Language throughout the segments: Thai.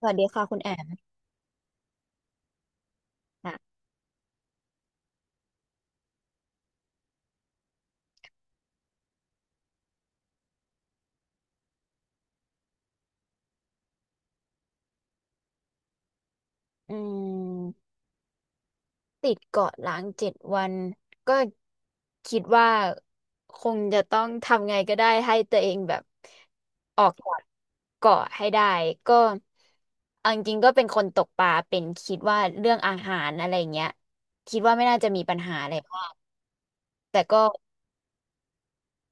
สวัสดีค่ะคุณแอมค่ะอืมติดเกาะล้างเจ็ดวัน ก็คิดว่าคงจะต้องทำไงก็ได้ให้ตัวเองแบบออกจากเกาะให้ได้ ก็เอาจริงๆก็เป็นคนตกปลาเป็นคิดว่าเรื่องอาหารอะไรเงี้ยคิดว่าไม่น่าจะมีปัญหาอะไรมากแต่ก็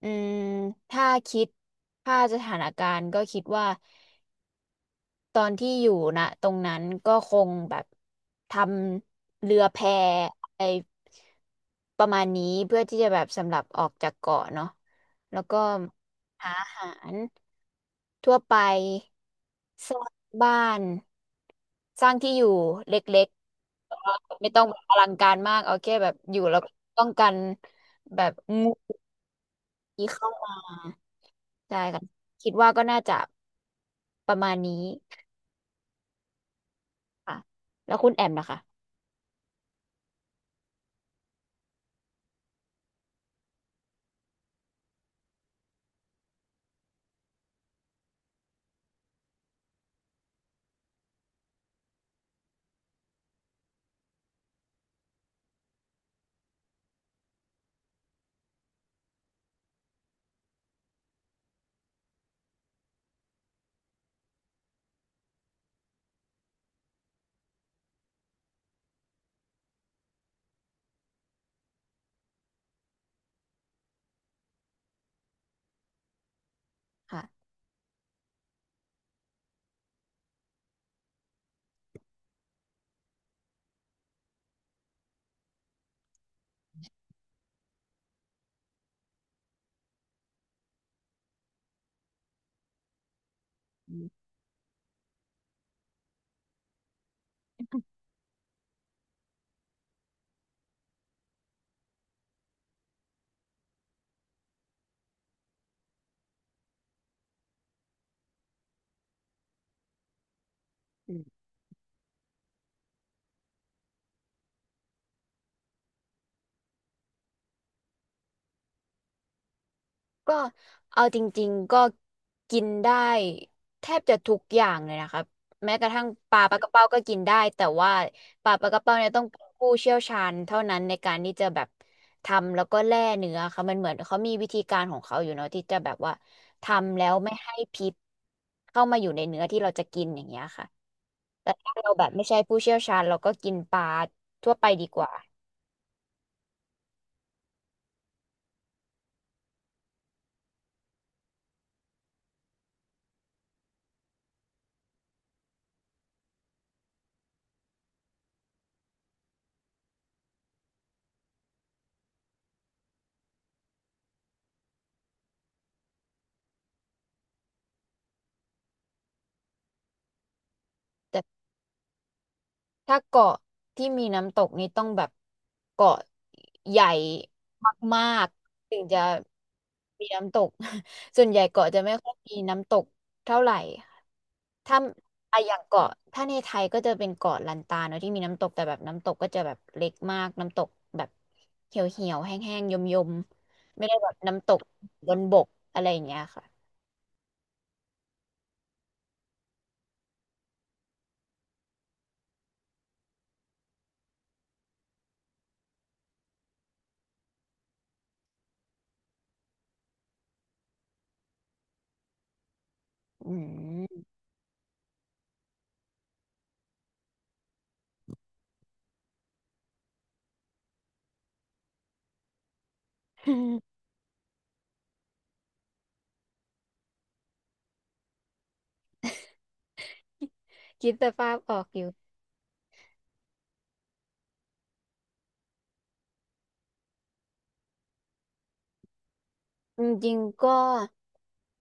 อืมถ้าคิดถ้าสถานการณ์ก็คิดว่า ตอนที่อยู่นะตรงนั้นก็คงแบบทำเรือแพไอประมาณนี้เพื่อที่จะแบบสำหรับออกจากเกาะเนาะแล้วก็หาอาหารทั่วไปสร้างบ้านสร้างที่อยู่เล็กๆแต่ว่าไม่ต้องแบบอลังการมากเอาแค่แบบอยู่แล้วก็ป้องกันแบบงูที่เข้ามาใช่ค่ะคิดว่าก็น่าจะประมาณนี้ ค่ะแล้วคุณแอมนะคะค่ะอืมอืมก็เอาจริงๆก็กินได้แทบจะทุกอย่างเลยนะคะแม้กระทั่งปลากระเป้าก็กินได้แต่ว่าปลากระเป้าเนี่ยต้องเป็นผู้เชี่ยวชาญเท่านั้นในการที่จะแบบทำแล้วก็แล่เนื้อค่ะมันเหมือนเขามีวิธีการของเขาอยู่เนาะที่จะแบบว่าทำแล้วไม่ให้พิษเข้ามาอยู่ในเนื้อที่เราจะกินอย่างเงี้ยค่ะแต่ถ้าเราแบบไม่ใช่ผู้เชี่ยวชาญเราก็กินปลาทั่วไปดีกว่า ถ้าเกาะที่มีน้ำตกนี่ต้องแบบเกาะใหญ่มากๆถึงจะมีน้ำตก ส่วนใหญ่เกาะจะไม่ค่อยมีน้ำตกเท่าไหร่ค่ะถ้าอะอย่างเกาะถ้าในไทยก็จะเป็นเกาะลันตาเนอะที่มีน้ำตกแต่แบบน้ำตกก็จะแบบเล็กมากน้ำตกแบบเหี่ยวเหี่ยวแห้งๆยมยมๆไม่ได้แบบน้ำตกบนบกอะไรอย่างเงี้ยค่ะอืม คิดสภาพออกอยู่ จริงๆก็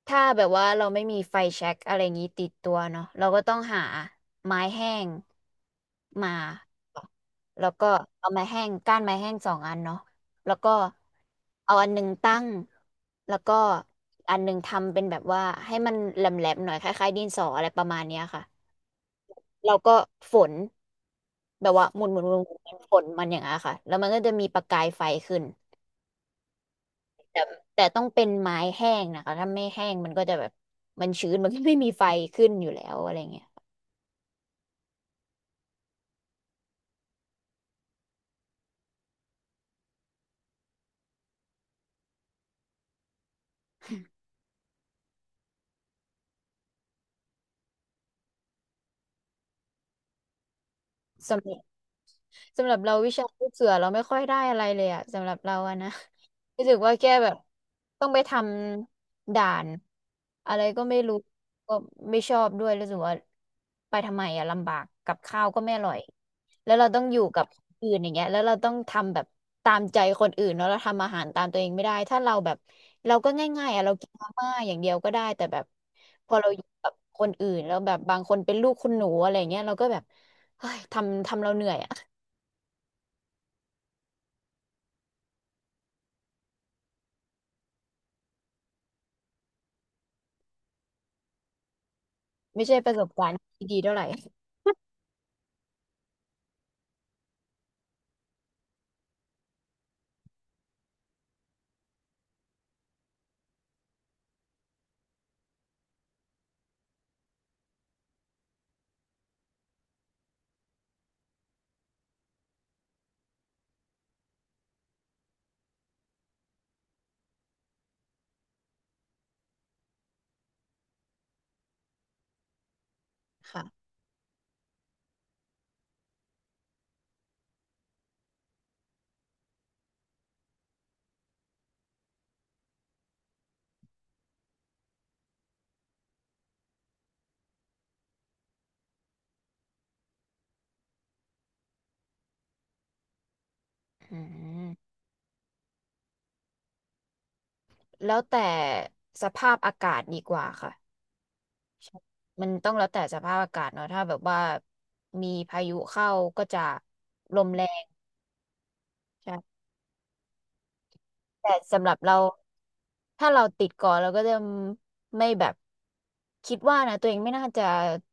ถ้าแบบว่าเราไม่มีไฟแช็กอะไรอย่างนี้ติดตัวเนาะเราก็ต้องหาไม้แห้งมาแล้วก็เอาไม้แห้งก้านไม้แห้งสองอันเนาะแล้วก็เอาอันหนึ่งตั้งแล้วก็อีกอันหนึ่งทำเป็นแบบว่าให้มันแหลมๆหน่อยคล้ายๆดินสออะไรประมาณเนี้ยค่ะเราก็ฝนแบบว่าหมุนหมุนหมุนหมุนฝนมันอย่างเงี้ยค่ะแล้วมันก็จะมีประกายไฟขึ้น แต่แต่ต้องเป็นไม้แห้งนะคะถ้าไม่แห้งมันก็จะแบบมันชื้นมันก็ไม่มีไฟขึ้นอยู่แล้วอะไรเงี้ยสำหรับสำหรับเราวิชาลูกเสือเราไม่ค่อยได้อะไรเลยอะสำหรับเราอะนะ รู้สึกว่าแกแบบต้องไปทำด่านอะไรก็ไม่รู้ก็ไม่ชอบด้วยรู้สึกว่าไปทำไมอะลำบากกับข้าวก็ไม่อร่อยแล้วเราต้องอยู่กับคนอื่นอย่างเงี้ยแล้วเราต้องทำแบบตามใจคนอื่นเนาะเราทำอาหารตามตัวเองไม่ได้ถ้าเราแบบเราก็ง่ายๆอะเรากินมาม่าอย่างเดียวก็ได้แต่แบบพอเราอยู่กับคนอื่นแล้วแบบบางคนเป็นลูกคุณหนูอะไรเงี้ยเราก็แบบเฮ้ยทำเราเหนื่อยอะไม่ใช่ประสบการณ์ที่ดีเท่าไหร่ค่ะอืม แล้วแต่สภาพอากาศดีกว่าค่ะ มันต้องแล้วแต่สภาพอากาศเนาะถ้าแบบว่ามีพายุเข้าก็จะลมแรงใช่ แต่สำหรับเราถ้าเราติดก่อนเราก็จะไม่แบบคิดว่านะตัวเองไม่น่าจะ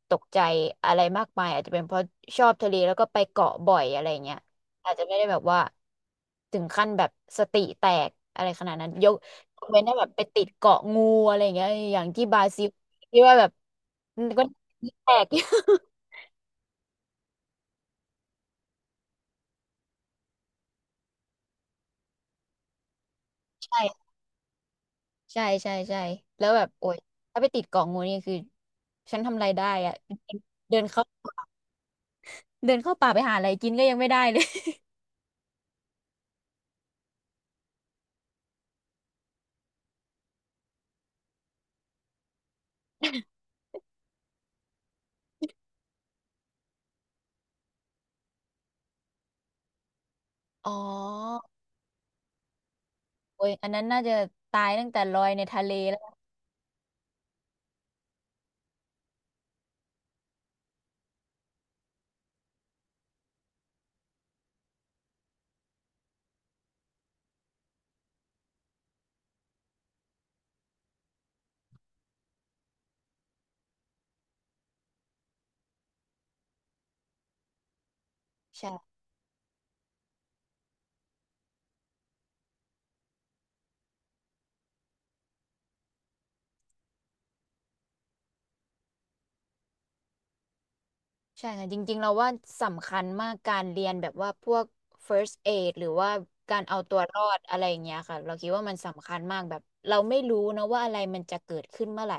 ตกใจอะไรมากมายอาจจะเป็นเพราะชอบทะเลแล้วก็ไปเกาะบ่อยอะไรเงี้ยอาจจะไม่ได้แบบว่าถึงขั้นแบบสติแตกอะไรขนาดนั้นยกเว้นถ้าแบบไปติดเกาะงูอะไรเงี้ยอย่างที่บราซิลที่ว่าแบบก็แตก ใช่ใช่ใช่ใช่แล้วแบบโอ๊ยถ้าไปติดเกาะงูนี่คือฉันทำอะไรได้อะเดินเข้า เดินเข้าป่าไปหาอะไรกินก็ยังไม่ได้เลย อ๋อโอ้ยอันนั้นน่าจะตายตั้งแต่ลอยในทะเลแล้วนะใช่ใช่ค่ะจริงๆ เราว่าสำคัญมากการเรียนแบบว่าพวก first aid หรือว่าการเอาตัวรอดอะไรอย่างเงี้ยค่ะ เราคิดว่ามันสำคัญมากแบบเราไม่รู้นะว่าอะไรมันจะเกิดขึ้นเมื่อไหร่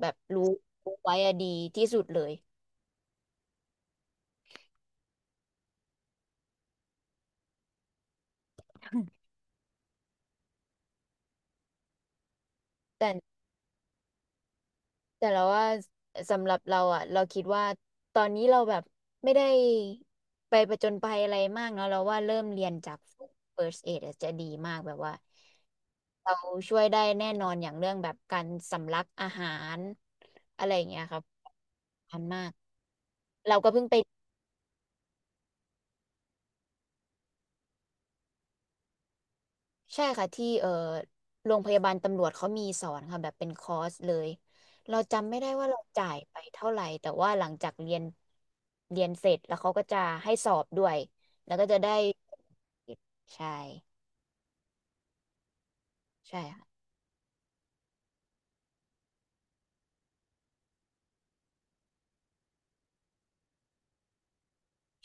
แบบรู้ไว้อะดีที่สุดเลยแต่ แต่เราว่าสำหรับเราอ่ะเราคิดว่าตอนนี้เราแบบไม่ได้ไปประจนภัยอะไรมากเนาะเราว่าเริ่มเรียนจาก first aid อะจะดีมากแบบว่าเราช่วยได้แน่นอนอย่างเรื่องแบบการสำลักอาหารอะไรอย่างเงี้ยครับอันมากเราก็เพิ่งไป ใช่ค่ะที่โรงพยาบาลตำรวจเขามีสอนค่ะแบบเป็นคอร์สเลยเราจำไม่ได้ว่าเราจ่ายไปเท่าไหร่แต่ว่าหลังจากเรียนเสร็จแล้วเขาก็จะให้สอบด้วยแล้วก็จะได้ใช่ใช่ค่ะ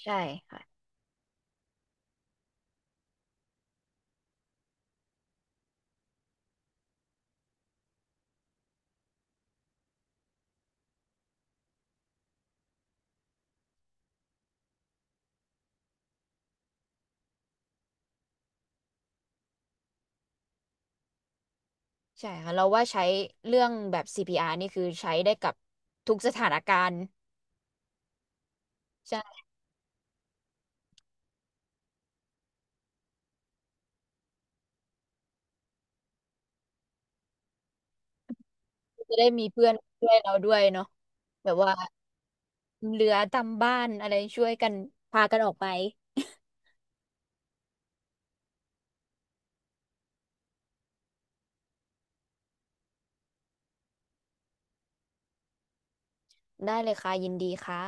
ใช่ค่ะใช่ค่ะเราว่าใช้เรื่องแบบ CPR นี่คือใช้ได้กับทุกสถานการณ์ใช่จะได้มีเพื่อนช่วยเราด้วยเนาะแบบว่าเหลือตามบ้านอะไรช่วยกันพากันออกไปได้เลยค่ะยินดีค่ะ